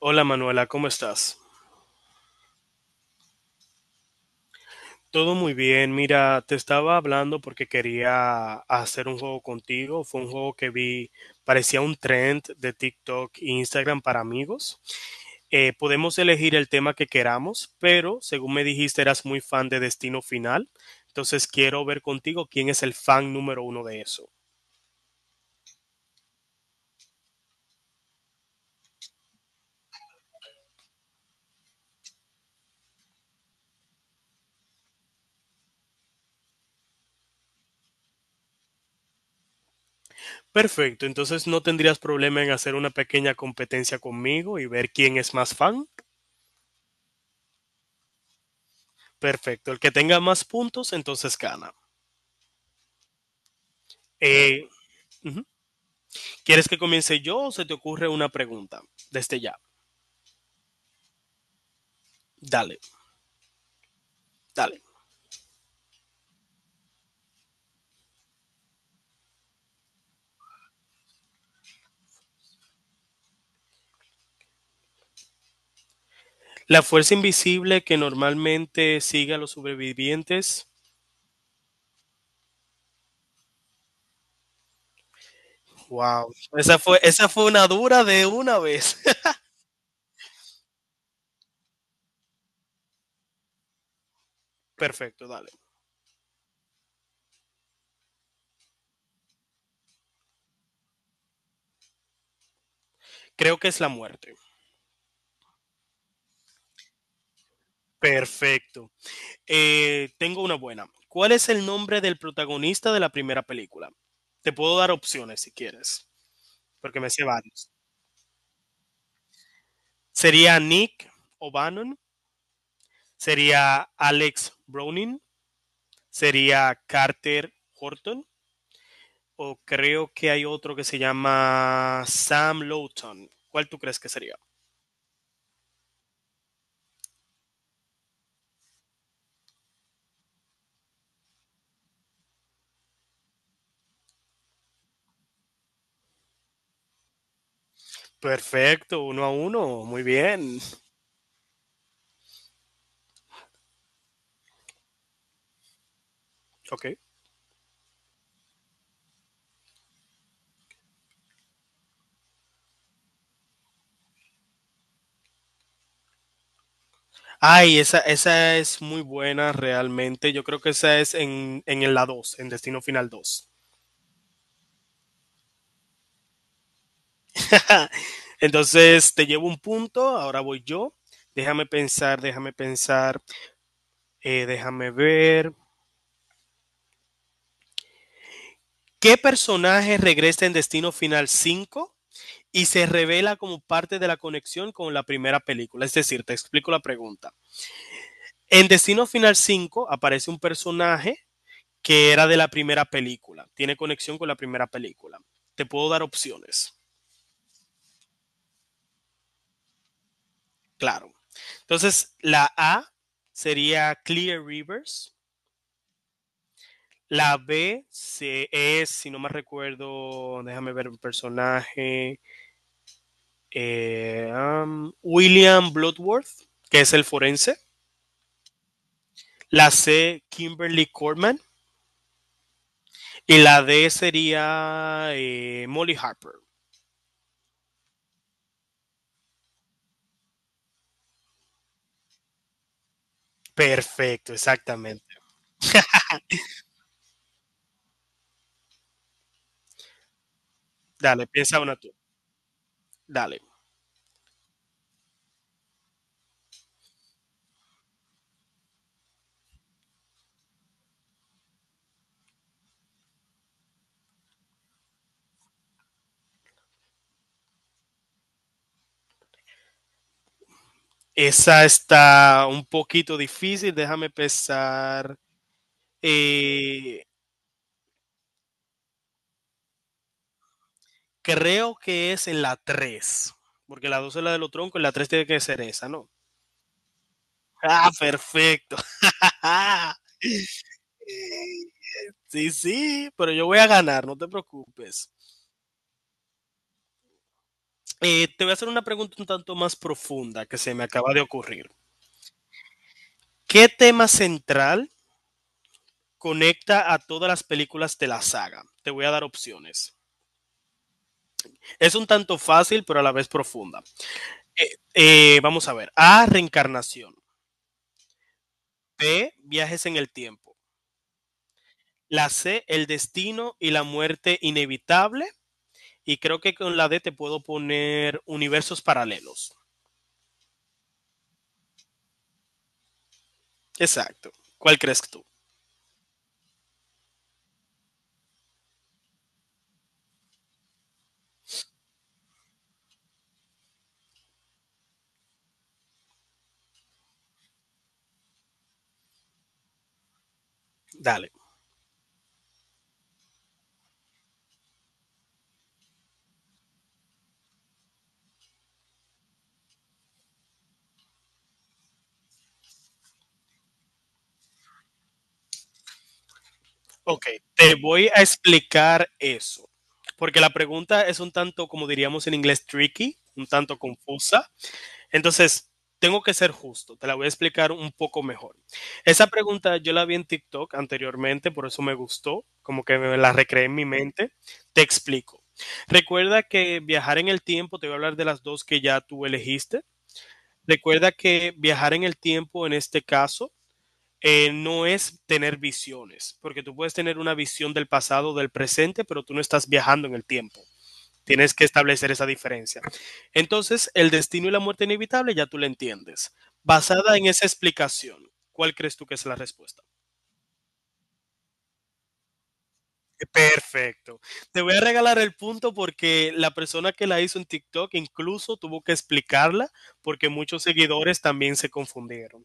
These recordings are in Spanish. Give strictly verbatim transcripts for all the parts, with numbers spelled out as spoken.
Hola Manuela, ¿cómo estás? Todo muy bien. Mira, te estaba hablando porque quería hacer un juego contigo. Fue un juego que vi, parecía un trend de TikTok e Instagram para amigos. Eh, podemos elegir el tema que queramos, pero según me dijiste, eras muy fan de Destino Final. Entonces quiero ver contigo quién es el fan número uno de eso. Perfecto, entonces no tendrías problema en hacer una pequeña competencia conmigo y ver quién es más fan. Perfecto, el que tenga más puntos, entonces gana. Eh, Ujú. ¿Quieres que comience yo o se te ocurre una pregunta? Desde ya. Dale, dale. La fuerza invisible que normalmente sigue a los sobrevivientes. Wow. Esa fue, esa fue una dura de una vez. Perfecto, dale. Creo que es la muerte. Perfecto. Eh, tengo una buena. ¿Cuál es el nombre del protagonista de la primera película? Te puedo dar opciones si quieres, porque me sé varios. ¿Sería Nick O'Bannon? ¿Sería Alex Browning? ¿Sería Carter Horton o creo que hay otro que se llama Sam Lowton? ¿Cuál tú crees que sería? Perfecto, uno a uno, muy bien. Ok. Ay, esa, esa es muy buena realmente. Yo creo que esa es en, en la dos, en Destino Final dos. Entonces, te llevo un punto, ahora voy yo. Déjame pensar, déjame pensar, eh, déjame ver. ¿Qué personaje regresa en Destino Final cinco y se revela como parte de la conexión con la primera película? Es decir, te explico la pregunta. En Destino Final cinco aparece un personaje que era de la primera película, tiene conexión con la primera película. Te puedo dar opciones, claro. Entonces, la A sería Clear Rivers, la B se, es, si no me recuerdo, déjame ver un personaje, eh, um, William Bloodworth, que es el forense. La C, Kimberly Corman. Y la D sería eh, Molly Harper. Perfecto, exactamente. Dale, piensa una tú. Dale. Esa está un poquito difícil, déjame pensar. Eh, Creo que es en la tres porque la dos es la de los troncos y la tres tiene que ser esa, ¿no? Ah, perfecto. Sí, sí, pero yo voy a ganar, no te preocupes. Eh, te voy a hacer una pregunta un tanto más profunda que se me acaba de ocurrir. ¿Qué tema central conecta a todas las películas de la saga? Te voy a dar opciones. Es un tanto fácil, pero a la vez profunda. Eh, eh, vamos a ver. A, reencarnación. B, viajes en el tiempo. La C, el destino y la muerte inevitable. Y creo que con la D te puedo poner universos paralelos. Exacto. ¿Cuál crees tú? Dale. Ok, te voy a explicar eso. Porque la pregunta es un tanto, como diríamos en inglés, tricky, un tanto confusa. Entonces, tengo que ser justo, te la voy a explicar un poco mejor. Esa pregunta yo la vi en TikTok anteriormente, por eso me gustó, como que me la recreé en mi mente. Te explico. Recuerda que viajar en el tiempo, te voy a hablar de las dos que ya tú elegiste. Recuerda que viajar en el tiempo en este caso eh, no es tener visiones, porque tú puedes tener una visión del pasado, o del presente, pero tú no estás viajando en el tiempo. Tienes que establecer esa diferencia. Entonces, el destino y la muerte inevitable ya tú lo entiendes. Basada en esa explicación, ¿cuál crees tú que es la respuesta? Perfecto. Te voy a regalar el punto porque la persona que la hizo en TikTok incluso tuvo que explicarla porque muchos seguidores también se confundieron.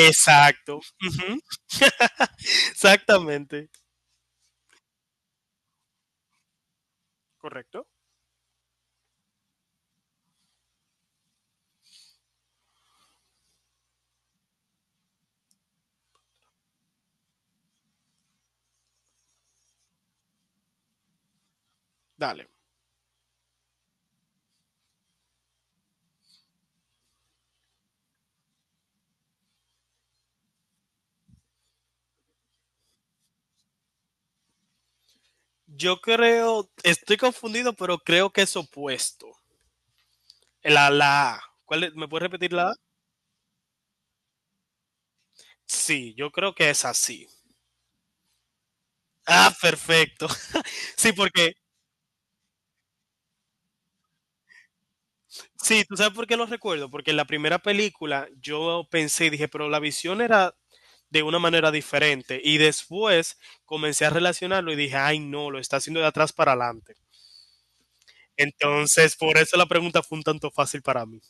Exacto. Ujú. Exactamente. Correcto. Dale. Yo creo, estoy confundido, pero creo que es opuesto. La, la A. ¿Cuál es? ¿Me puedes repetir la A? Sí, yo creo que es así. Ah, perfecto. Sí, porque, sí, ¿tú sabes por qué lo recuerdo? Porque en la primera película yo pensé y dije, pero la visión era de una manera diferente. Y después comencé a relacionarlo y dije, ay, no, lo está haciendo de atrás para adelante. Entonces, por eso la pregunta fue un tanto fácil para mí.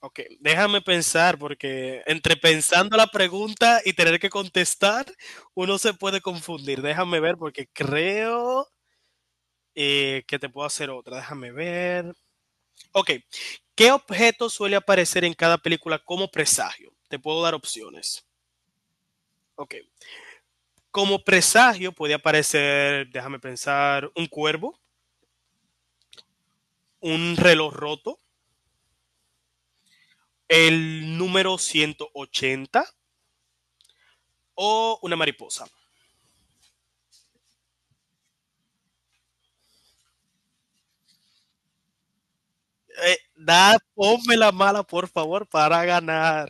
Ok, déjame pensar, porque entre pensando la pregunta y tener que contestar, uno se puede confundir. Déjame ver, porque creo Eh, ¿qué te puedo hacer otra? Déjame ver. Ok. ¿Qué objeto suele aparecer en cada película como presagio? Te puedo dar opciones. Ok. Como presagio puede aparecer, déjame pensar, un cuervo, un reloj roto, el número ciento ochenta o una mariposa. Eh, da, ponme la mala, por favor, para ganar.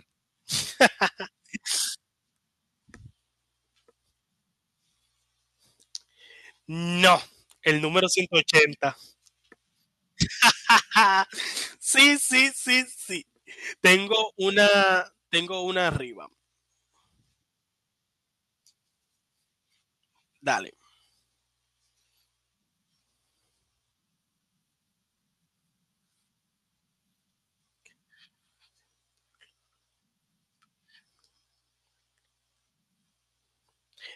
No, el número ciento ochenta. Ja. Sí, sí, sí, sí. Tengo una, Tengo una arriba. Dale.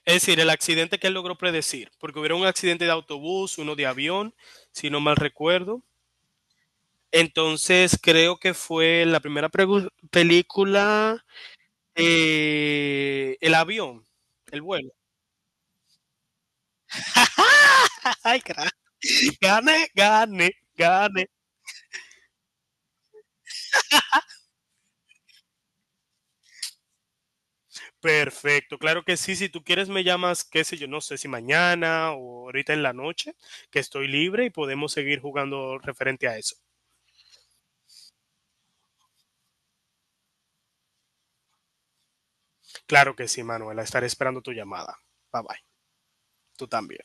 Es decir, el accidente que él logró predecir, porque hubiera un accidente de autobús, uno de avión, si no mal recuerdo. Entonces, creo que fue la primera pregu- película, eh, el avión, el vuelo. Ay, carajo. Gane, gane, gane. Perfecto, claro que sí. Si tú quieres, me llamas, qué sé yo, no sé si mañana o ahorita en la noche, que estoy libre y podemos seguir jugando referente a eso. Claro que sí, Manuela. Estaré esperando tu llamada. Bye bye. Tú también.